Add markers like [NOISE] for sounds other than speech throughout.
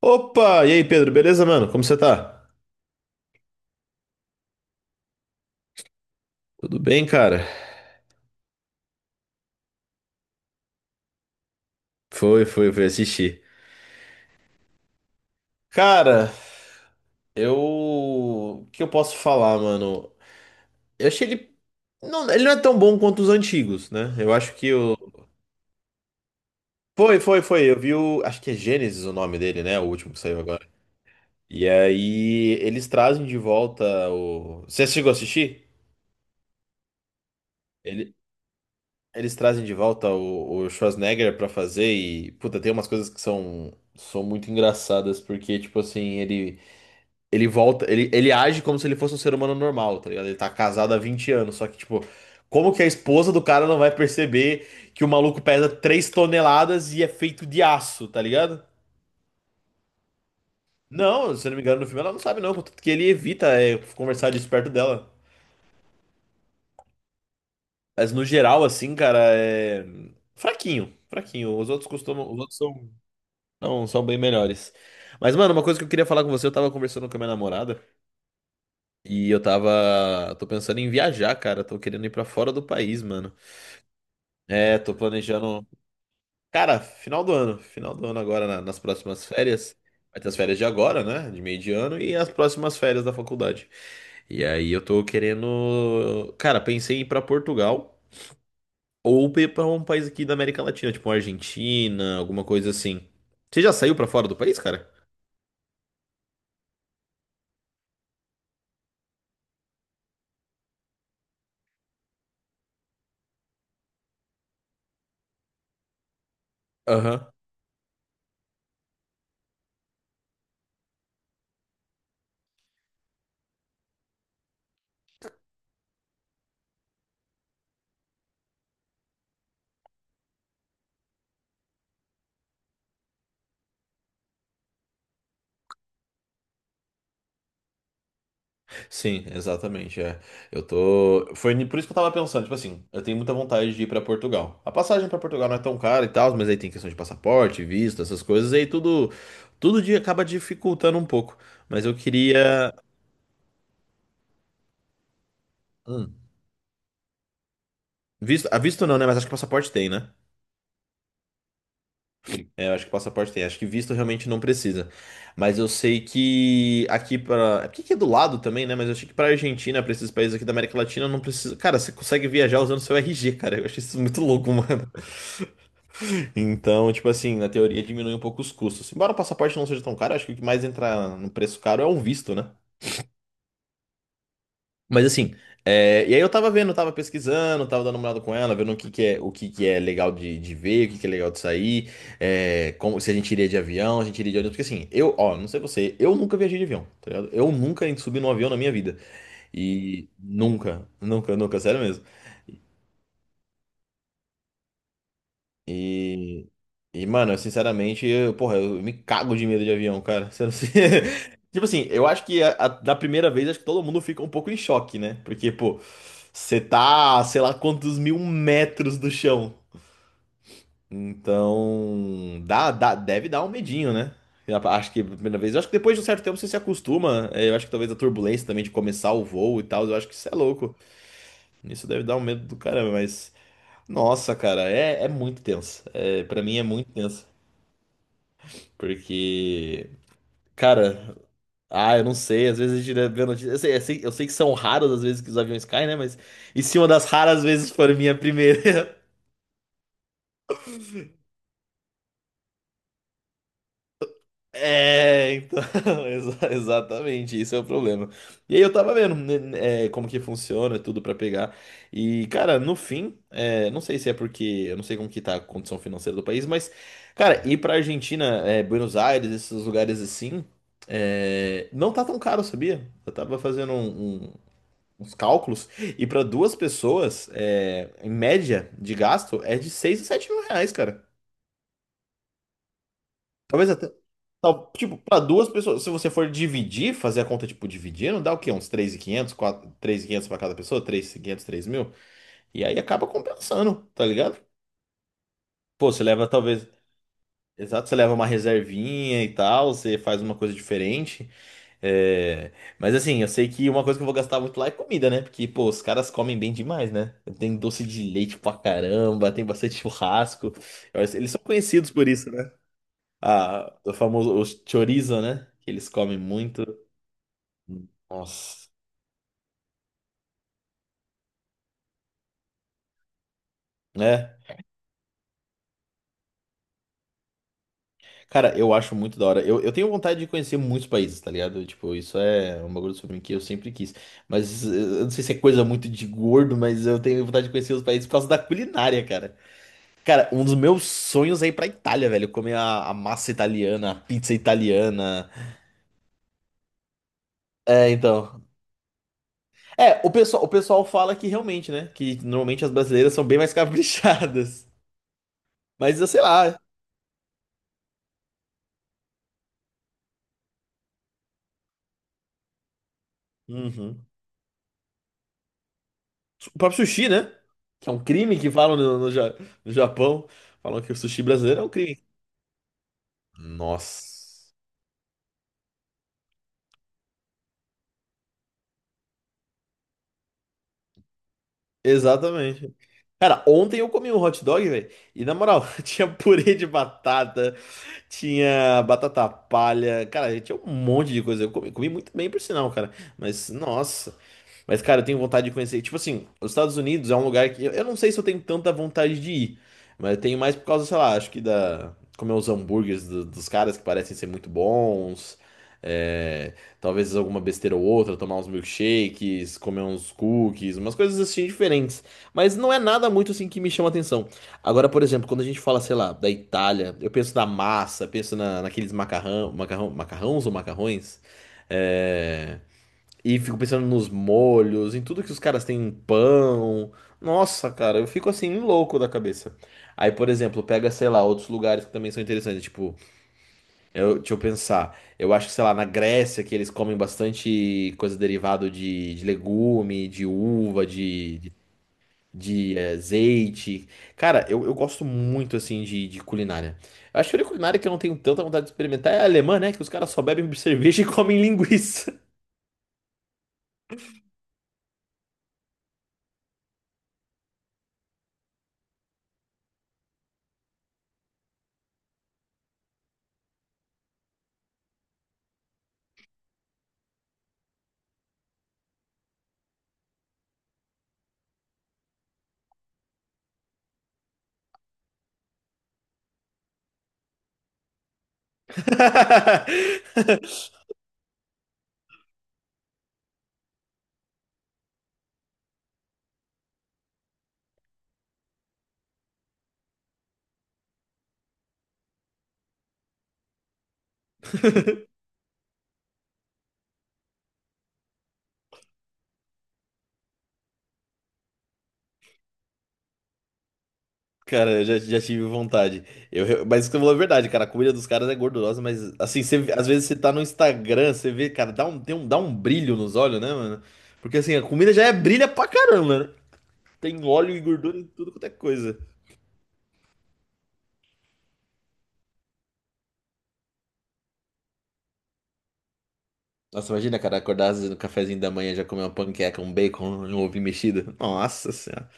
Opa! E aí, Pedro, beleza, mano? Como você tá? Tudo bem, cara? Foi assistir. Cara, eu. O que eu posso falar, mano? Eu achei ele. Não, ele não é tão bom quanto os antigos, né? Eu acho que o. Foi, foi, foi. Eu vi o. Acho que é Gênesis o nome dele, né? O último que saiu agora. E aí, eles trazem de volta o. Você chegou a assistir? Ele... Eles trazem de volta o Schwarzenegger pra fazer Puta, tem umas coisas que são. São muito engraçadas porque, tipo assim, Ele volta, ele age como se ele fosse um ser humano normal, tá ligado? Ele tá casado há 20 anos, só que, tipo, como que a esposa do cara não vai perceber que o maluco pesa 3 toneladas e é feito de aço, tá ligado? Não, se eu não me engano, no filme ela não sabe, não, contanto que ele evita conversar disso perto dela. Mas no geral, assim, cara, é. Fraquinho, fraquinho. Os outros costumam. Os outros são. Não, são bem melhores. Mas, mano, uma coisa que eu queria falar com você, eu tava conversando com a minha namorada e eu tava. Tô pensando em viajar, cara. Tô querendo ir pra fora do país, mano. É, tô planejando. Cara, final do ano. Final do ano agora, nas próximas férias. Vai ter as férias de agora, né? De meio de ano e as próximas férias da faculdade. E aí eu tô querendo. Cara, pensei em ir pra Portugal ou ir pra um país aqui da América Latina, tipo Argentina, alguma coisa assim. Você já saiu pra fora do país, cara? Aham. Sim, exatamente, é. Eu tô. Foi ni- Por isso que eu tava pensando, tipo assim, eu tenho muita vontade de ir pra Portugal. A passagem pra Portugal não é tão cara e tal, mas aí tem questão de passaporte, visto, essas coisas, e aí tudo dia acaba dificultando um pouco. Mas eu queria. Hum, ah, visto não, né? Mas acho que passaporte tem, né? É, eu acho que passaporte tem. Acho que visto realmente não precisa. Mas eu sei que aqui pra. É porque aqui que é do lado também, né? Mas eu achei que pra Argentina, pra esses países aqui da América Latina, não precisa. Cara, você consegue viajar usando seu RG, cara. Eu achei isso muito louco, [LAUGHS] mano. Então, tipo assim, na teoria diminui um pouco os custos. Embora o passaporte não seja tão caro, acho que o que mais entra no preço caro é um visto, né? Mas assim, e aí eu tava vendo, tava pesquisando, tava dando uma olhada com ela, vendo o que que é legal de ver, o que que é legal de sair, como, se a gente iria de avião, a gente iria de ônibus, porque assim, eu, ó, não sei você, eu nunca viajei de avião, tá ligado? Eu nunca subi num avião na minha vida. E nunca, nunca, nunca, sério mesmo. E, e mano, eu, sinceramente, eu, porra, eu me cago de medo de avião, cara. [LAUGHS] Você não se- [LAUGHS] Tipo assim, eu acho que da primeira vez, acho que todo mundo fica um pouco em choque, né? Porque, pô, você tá, sei lá quantos mil metros do chão. Então, deve dar um medinho, né? Eu acho que a primeira vez, eu acho que depois de um certo tempo você se acostuma. Eu acho que talvez a turbulência também de começar o voo e tal, eu acho que isso é louco. Isso deve dar um medo do caramba, mas. Nossa, cara, é muito tenso. É, para mim é muito tenso. Porque, cara, eu não sei, às vezes a gente vê notícias. Eu sei que são raras as vezes que os aviões caem, né? Mas e se uma das raras vezes for minha primeira? [LAUGHS] É, então, [LAUGHS] exatamente, isso é o problema. E aí eu tava vendo, como que funciona tudo pra pegar. E, cara, no fim, é, não sei se é porque, eu não sei como que tá a condição financeira do país, mas, cara, ir pra Argentina, Buenos Aires, esses lugares assim, não tá tão caro, sabia? Eu tava fazendo uns cálculos, e para duas pessoas, em média de gasto, é de 6 a 7 mil reais, cara. Talvez até. Tipo, para duas pessoas, se você for dividir, fazer a conta, tipo, dividindo, dá o quê? Uns 3.500, 4, quinhentos para cada pessoa, 3 mil e aí acaba compensando, tá ligado? Pô, você leva talvez. Exato, você leva uma reservinha e tal, você faz uma coisa diferente. É, mas assim, eu sei que uma coisa que eu vou gastar muito lá é comida, né? Porque, pô, os caras comem bem demais, né? Tem doce de leite pra caramba, tem bastante churrasco. Eles são conhecidos por isso, né? Ah, o famoso o chorizo, né? Que eles comem muito. Nossa, né? Cara, eu acho muito da hora. Eu tenho vontade de conhecer muitos países, tá ligado? Tipo, isso é um bagulho sobre mim que eu sempre quis. Mas eu não sei se é coisa muito de gordo, mas eu tenho vontade de conhecer os países por causa da culinária, cara. Cara, um dos meus sonhos é ir pra Itália, velho. Comer a massa italiana, a pizza italiana. É, então. É, o pessoal fala que realmente, né? Que normalmente as brasileiras são bem mais [LAUGHS] caprichadas. Mas, eu sei lá. Uhum. O próprio sushi, né? Que é um crime que falam no Japão. Falam que o sushi brasileiro é um crime. Nossa. Exatamente. Cara, ontem eu comi um hot dog, velho. E na moral, [LAUGHS] tinha purê de batata. Tinha batata palha. Cara, tinha um monte de coisa. Comi muito bem, por sinal, cara. Mas, nossa. Mas, cara, eu tenho vontade de conhecer. Tipo assim, os Estados Unidos é um lugar que eu não sei se eu tenho tanta vontade de ir, mas eu tenho mais por causa, sei lá, acho que da. Comer os hambúrgueres dos caras que parecem ser muito bons. é, talvez alguma besteira ou outra, tomar uns milkshakes, comer uns cookies, umas coisas assim diferentes. Mas não é nada muito assim que me chama atenção. Agora, por exemplo, quando a gente fala, sei lá, da Itália, eu penso na massa, penso naqueles macarrão, macarrões ou macarrões. é, e fico pensando nos molhos, em tudo que os caras têm em pão. Nossa, cara, eu fico assim louco da cabeça. Aí, por exemplo, pega, sei lá, outros lugares que também são interessantes. Tipo, eu, deixa eu pensar. Eu acho que, sei lá, na Grécia, que eles comem bastante coisa derivada de legume, de uva, azeite. Cara, eu gosto muito, assim, de culinária. Eu acho que a única culinária que eu não tenho tanta vontade de experimentar é a alemã, né? Que os caras só bebem [LAUGHS] cerveja e comem linguiça. [LAUGHS] Cara, já tive vontade. Eu, mas isso que eu falo é verdade, cara. A comida dos caras é gordurosa, mas assim, às vezes você tá no Instagram, você vê, cara, dá um brilho nos olhos, né, mano? Porque assim, a comida já é brilha pra caramba, né? Tem óleo e gordura em tudo quanto é coisa. Nossa, imagina, cara, acordar às vezes no cafezinho da manhã já comer uma panqueca, um bacon, um ovinho mexido. Nossa senhora.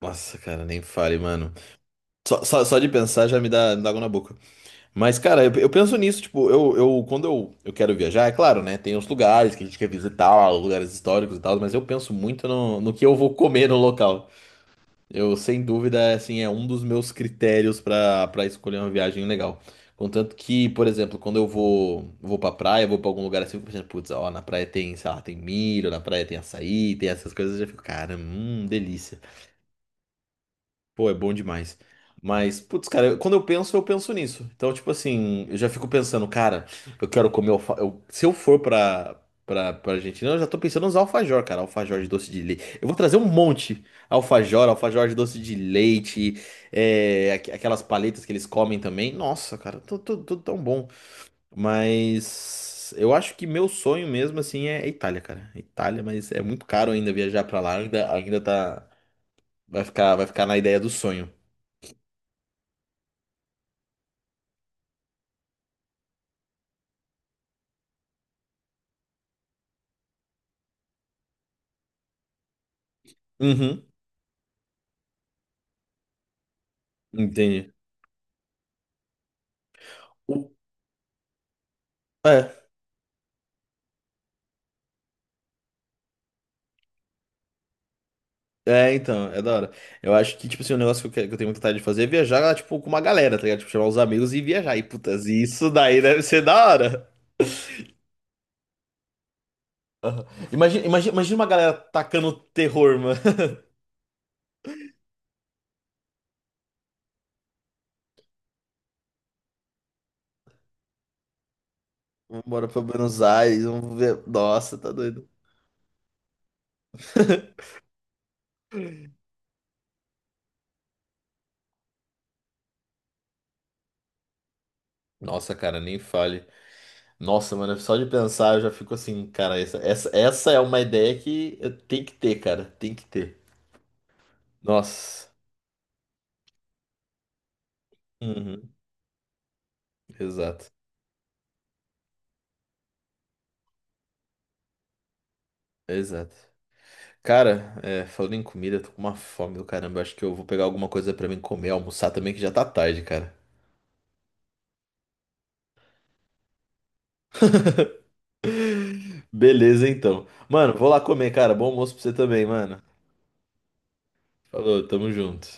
Nossa, cara, nem fale, mano. Só de pensar me dá água na boca. Mas, cara, eu penso nisso, tipo, eu quero viajar, é claro, né? Tem os lugares que a gente quer visitar, os lugares históricos e tal, mas eu penso muito no que eu vou comer no local. Eu, sem dúvida, assim, é um dos meus critérios pra para escolher uma viagem legal. Contanto que, por exemplo, quando eu vou pra praia, vou pra algum lugar assim, eu fico pensando, putz, ó, na praia tem, sei lá, tem milho, na praia tem açaí, tem essas coisas, eu já fico, cara, delícia. Pô, é bom demais. Mas, putz, cara, quando eu penso nisso. Então, tipo assim, eu já fico pensando, cara, eu quero comer alfa... eu- se eu for pra Argentina, eu já tô pensando nos alfajor, cara. Alfajor de doce de leite. Eu vou trazer um monte. Alfajor de doce de leite, aquelas paletas que eles comem também. Nossa, cara, tudo tão bom. Mas eu acho que meu sonho mesmo, assim, é Itália, cara. Itália, mas é muito caro ainda viajar pra lá. Ainda tá... vai ficar na ideia do sonho. Uhum, entendi. O- É, então, é da hora. Eu acho que, tipo assim, um negócio que que eu tenho muita vontade de fazer é viajar, tipo, com uma galera, tá ligado? Tipo, chamar os amigos e viajar. E, putas, isso daí deve ser da hora. Imagina, imagina, imagina uma galera tacando terror, mano. [LAUGHS] Vamos embora pra Buenos Aires, vamos ver. Nossa, tá doido. [LAUGHS] Nossa, cara, nem fale. Nossa, mano, só de pensar eu já fico assim, cara, essa é uma ideia que tem que ter, cara, tem que ter. Nossa. Uhum, exato, exato. Cara, é, falando em comida, eu tô com uma fome do caramba. Eu acho que eu vou pegar alguma coisa pra mim comer, almoçar também, que já tá tarde, cara. Beleza, então. Mano, vou lá comer, cara. Bom almoço pra você também, mano. Falou, tamo junto.